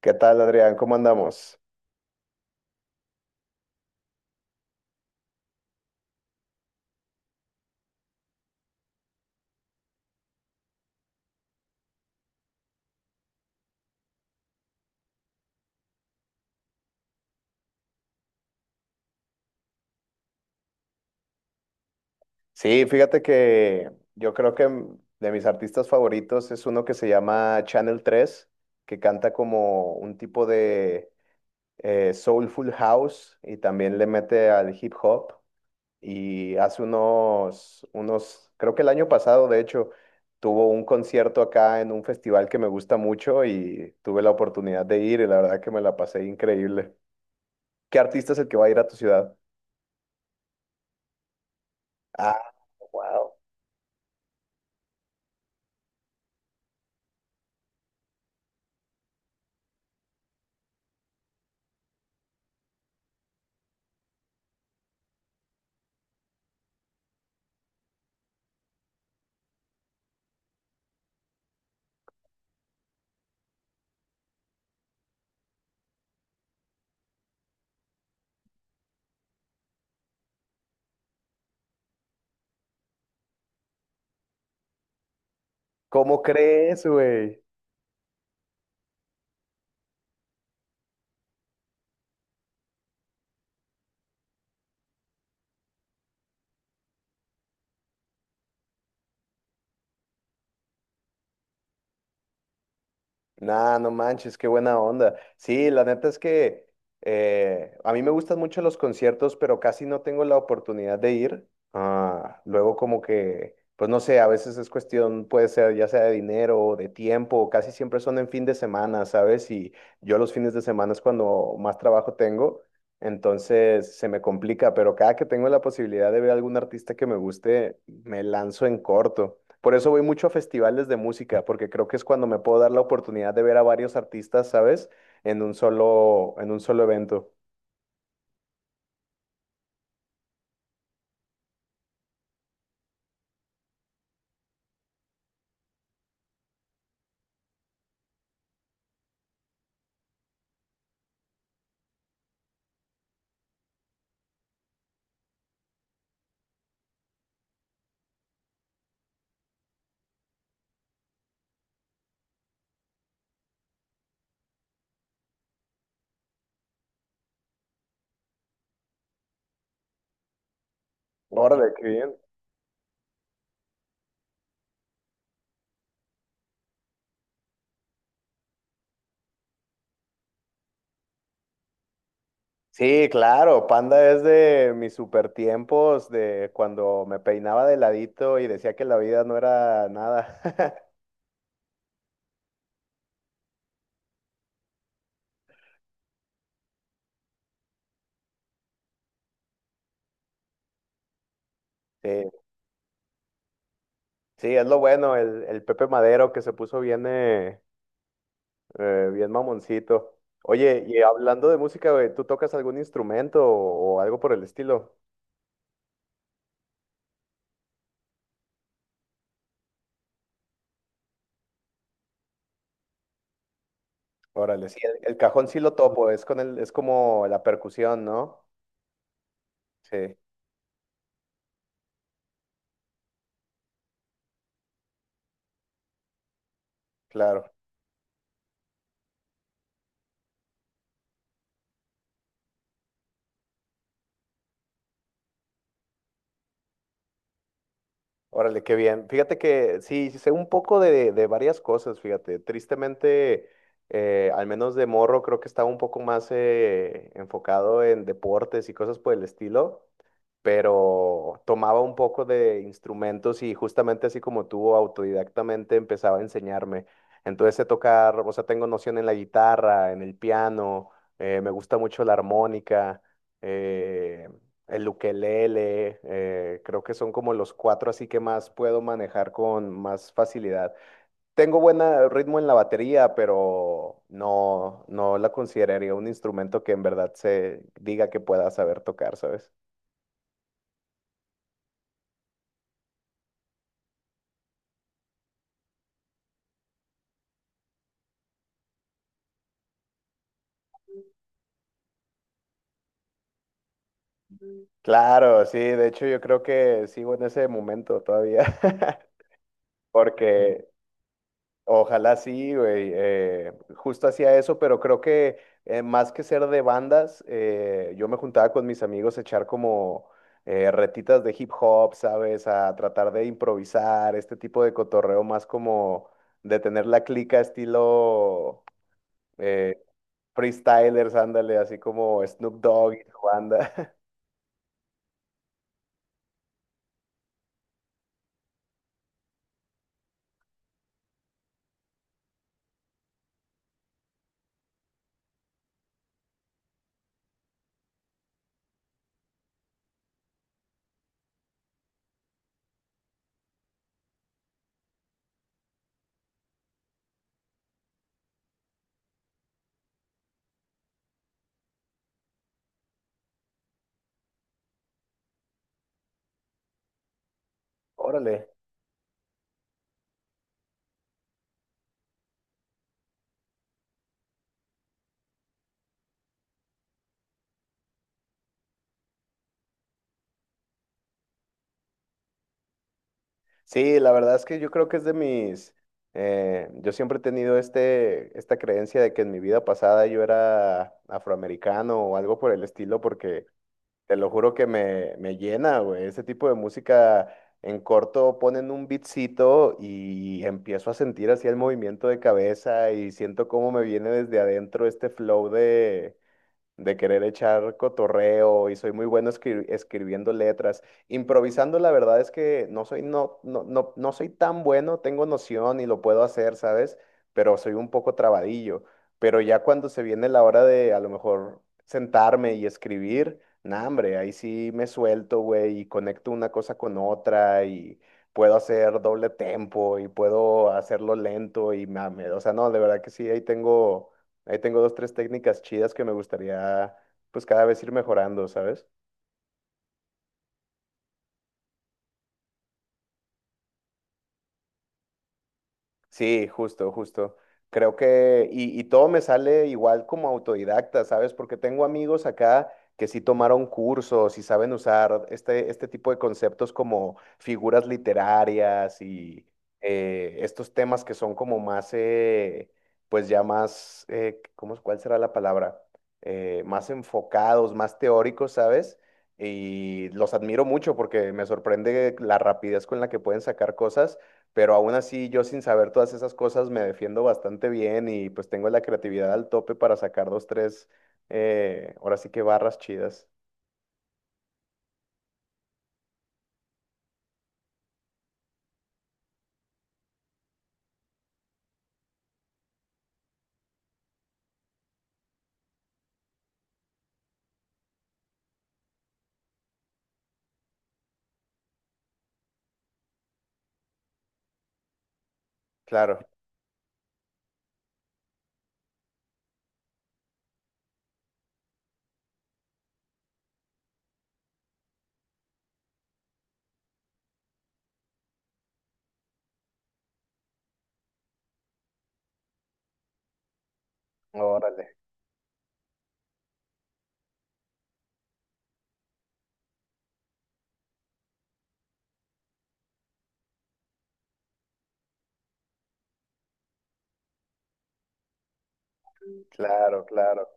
¿Qué tal, Adrián? ¿Cómo andamos? Sí, fíjate que yo creo que de mis artistas favoritos es uno que se llama Channel 3, que canta como un tipo de soulful house y también le mete al hip hop. Y hace unos, creo que el año pasado, de hecho, tuvo un concierto acá en un festival que me gusta mucho y tuve la oportunidad de ir y la verdad que me la pasé increíble. ¿Qué artista es el que va a ir a tu ciudad? Ah, wow. ¿Cómo crees, güey? Nah, no manches, qué buena onda. Sí, la neta es que a mí me gustan mucho los conciertos, pero casi no tengo la oportunidad de ir. Ah, luego como que, pues no sé, a veces es cuestión, puede ser ya sea de dinero o de tiempo, casi siempre son en fin de semana, ¿sabes? Y yo los fines de semana es cuando más trabajo tengo, entonces se me complica, pero cada que tengo la posibilidad de ver a algún artista que me guste, me lanzo en corto. Por eso voy mucho a festivales de música, porque creo que es cuando me puedo dar la oportunidad de ver a varios artistas, ¿sabes? En un solo evento. Órale, qué bien. Sí, claro, Panda es de mis super tiempos, de cuando me peinaba de ladito y decía que la vida no era nada. Sí, sí, es lo bueno, el Pepe Madero que se puso bien, bien mamoncito. Oye, y hablando de música, güey, ¿tú tocas algún instrumento o algo por el estilo? Órale. Sí, el cajón sí lo topo, es con el, es como la percusión, ¿no? Sí, claro. Órale, qué bien. Fíjate que sí, sí sé un poco de varias cosas, fíjate. Tristemente, al menos de morro, creo que estaba un poco más enfocado en deportes y cosas por el estilo. Pero tomaba un poco de instrumentos y justamente así como tú, autodidactamente empezaba a enseñarme. Entonces sé tocar, o sea, tengo noción en la guitarra, en el piano, me gusta mucho la armónica, eh, el ukelele, creo que son como los cuatro así que más puedo manejar con más facilidad. Tengo buen ritmo en la batería, pero no, no la consideraría un instrumento que en verdad se diga que pueda saber tocar, ¿sabes? Claro, sí, de hecho yo creo que sigo en ese momento todavía. Porque ojalá sí, güey, justo hacía eso, pero creo que más que ser de bandas, yo me juntaba con mis amigos a echar como retitas de hip hop, ¿sabes? A tratar de improvisar, este tipo de cotorreo más como de tener la clica estilo eh, freestylers, ándale, así como Snoop Dogg y su banda. Órale. Sí, la verdad es que yo creo que es de mis, yo siempre he tenido este, esta creencia de que en mi vida pasada yo era afroamericano o algo por el estilo, porque te lo juro que me llena, güey. Ese tipo de música en corto ponen un beatcito y empiezo a sentir así el movimiento de cabeza y siento cómo me viene desde adentro este flow de querer echar cotorreo y soy muy bueno escribiendo letras. Improvisando, la verdad es que no soy, no, no, no, no soy tan bueno, tengo noción y lo puedo hacer, ¿sabes? Pero soy un poco trabadillo. Pero ya cuando se viene la hora de a lo mejor sentarme y escribir, nah, hombre, ahí sí me suelto, güey, y conecto una cosa con otra y puedo hacer doble tempo y puedo hacerlo lento y mame, o sea, no, de verdad que sí, ahí tengo dos, tres técnicas chidas que me gustaría, pues, cada vez ir mejorando, ¿sabes? Sí, justo, justo. Creo que, y todo me sale igual como autodidacta, ¿sabes? Porque tengo amigos acá que sí tomaron cursos y saben usar este, este tipo de conceptos como figuras literarias y estos temas que son como más, pues ya más, ¿cómo, cuál será la palabra? Más enfocados, más teóricos, ¿sabes? Y los admiro mucho porque me sorprende la rapidez con la que pueden sacar cosas, pero aún así yo sin saber todas esas cosas me defiendo bastante bien y pues tengo la creatividad al tope para sacar dos, tres, ahora sí que barras chidas. Claro, órale, claro, claro,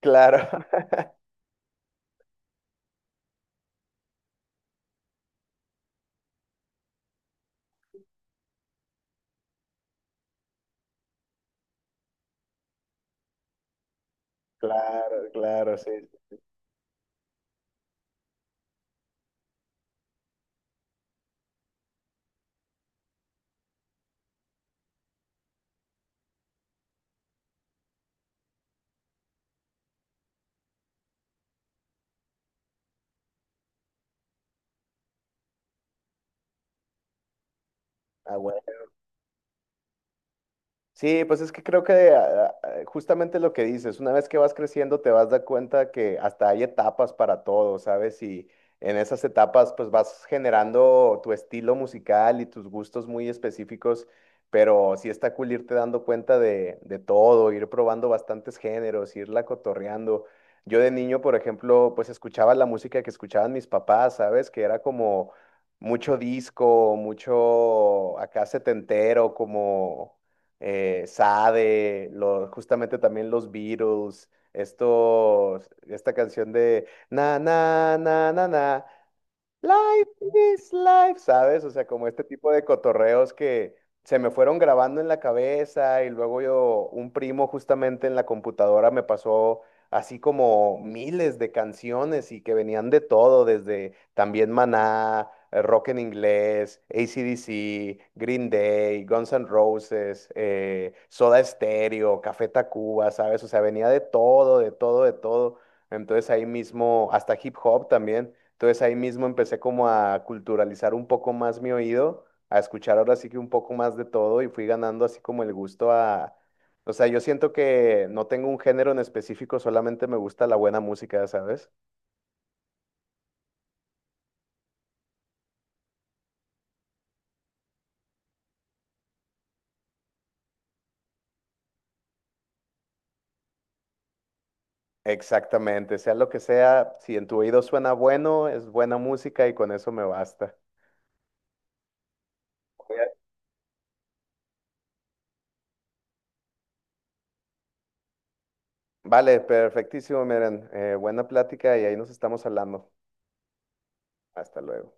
claro, claro, claro, sí, a huevo. Sí, pues es que creo que justamente lo que dices, una vez que vas creciendo te vas a dar cuenta que hasta hay etapas para todo, ¿sabes? Y en esas etapas pues vas generando tu estilo musical y tus gustos muy específicos, pero sí está cool irte dando cuenta de todo, ir probando bastantes géneros, irla cotorreando. Yo de niño, por ejemplo, pues escuchaba la música que escuchaban mis papás, ¿sabes? Que era como mucho disco, mucho acá setentero, como Sade, justamente también los Beatles, estos, esta canción de na na na na na Life is life, ¿sabes? O sea, como este tipo de cotorreos que se me fueron grabando en la cabeza y luego yo, un primo justamente en la computadora me pasó así como miles de canciones y que venían de todo, desde también Maná, rock en inglés, AC/DC, Green Day, Guns N' Roses, Soda Stereo, Café Tacuba, ¿sabes? O sea, venía de todo, de todo, de todo. Entonces ahí mismo, hasta hip hop también. Entonces ahí mismo empecé como a culturalizar un poco más mi oído, a escuchar ahora sí que un poco más de todo y fui ganando así como el gusto a... O sea, yo siento que no tengo un género en específico, solamente me gusta la buena música, ¿sabes? Exactamente, sea lo que sea, si en tu oído suena bueno, es buena música y con eso me basta. Vale, perfectísimo, miren, buena plática y ahí nos estamos hablando. Hasta luego.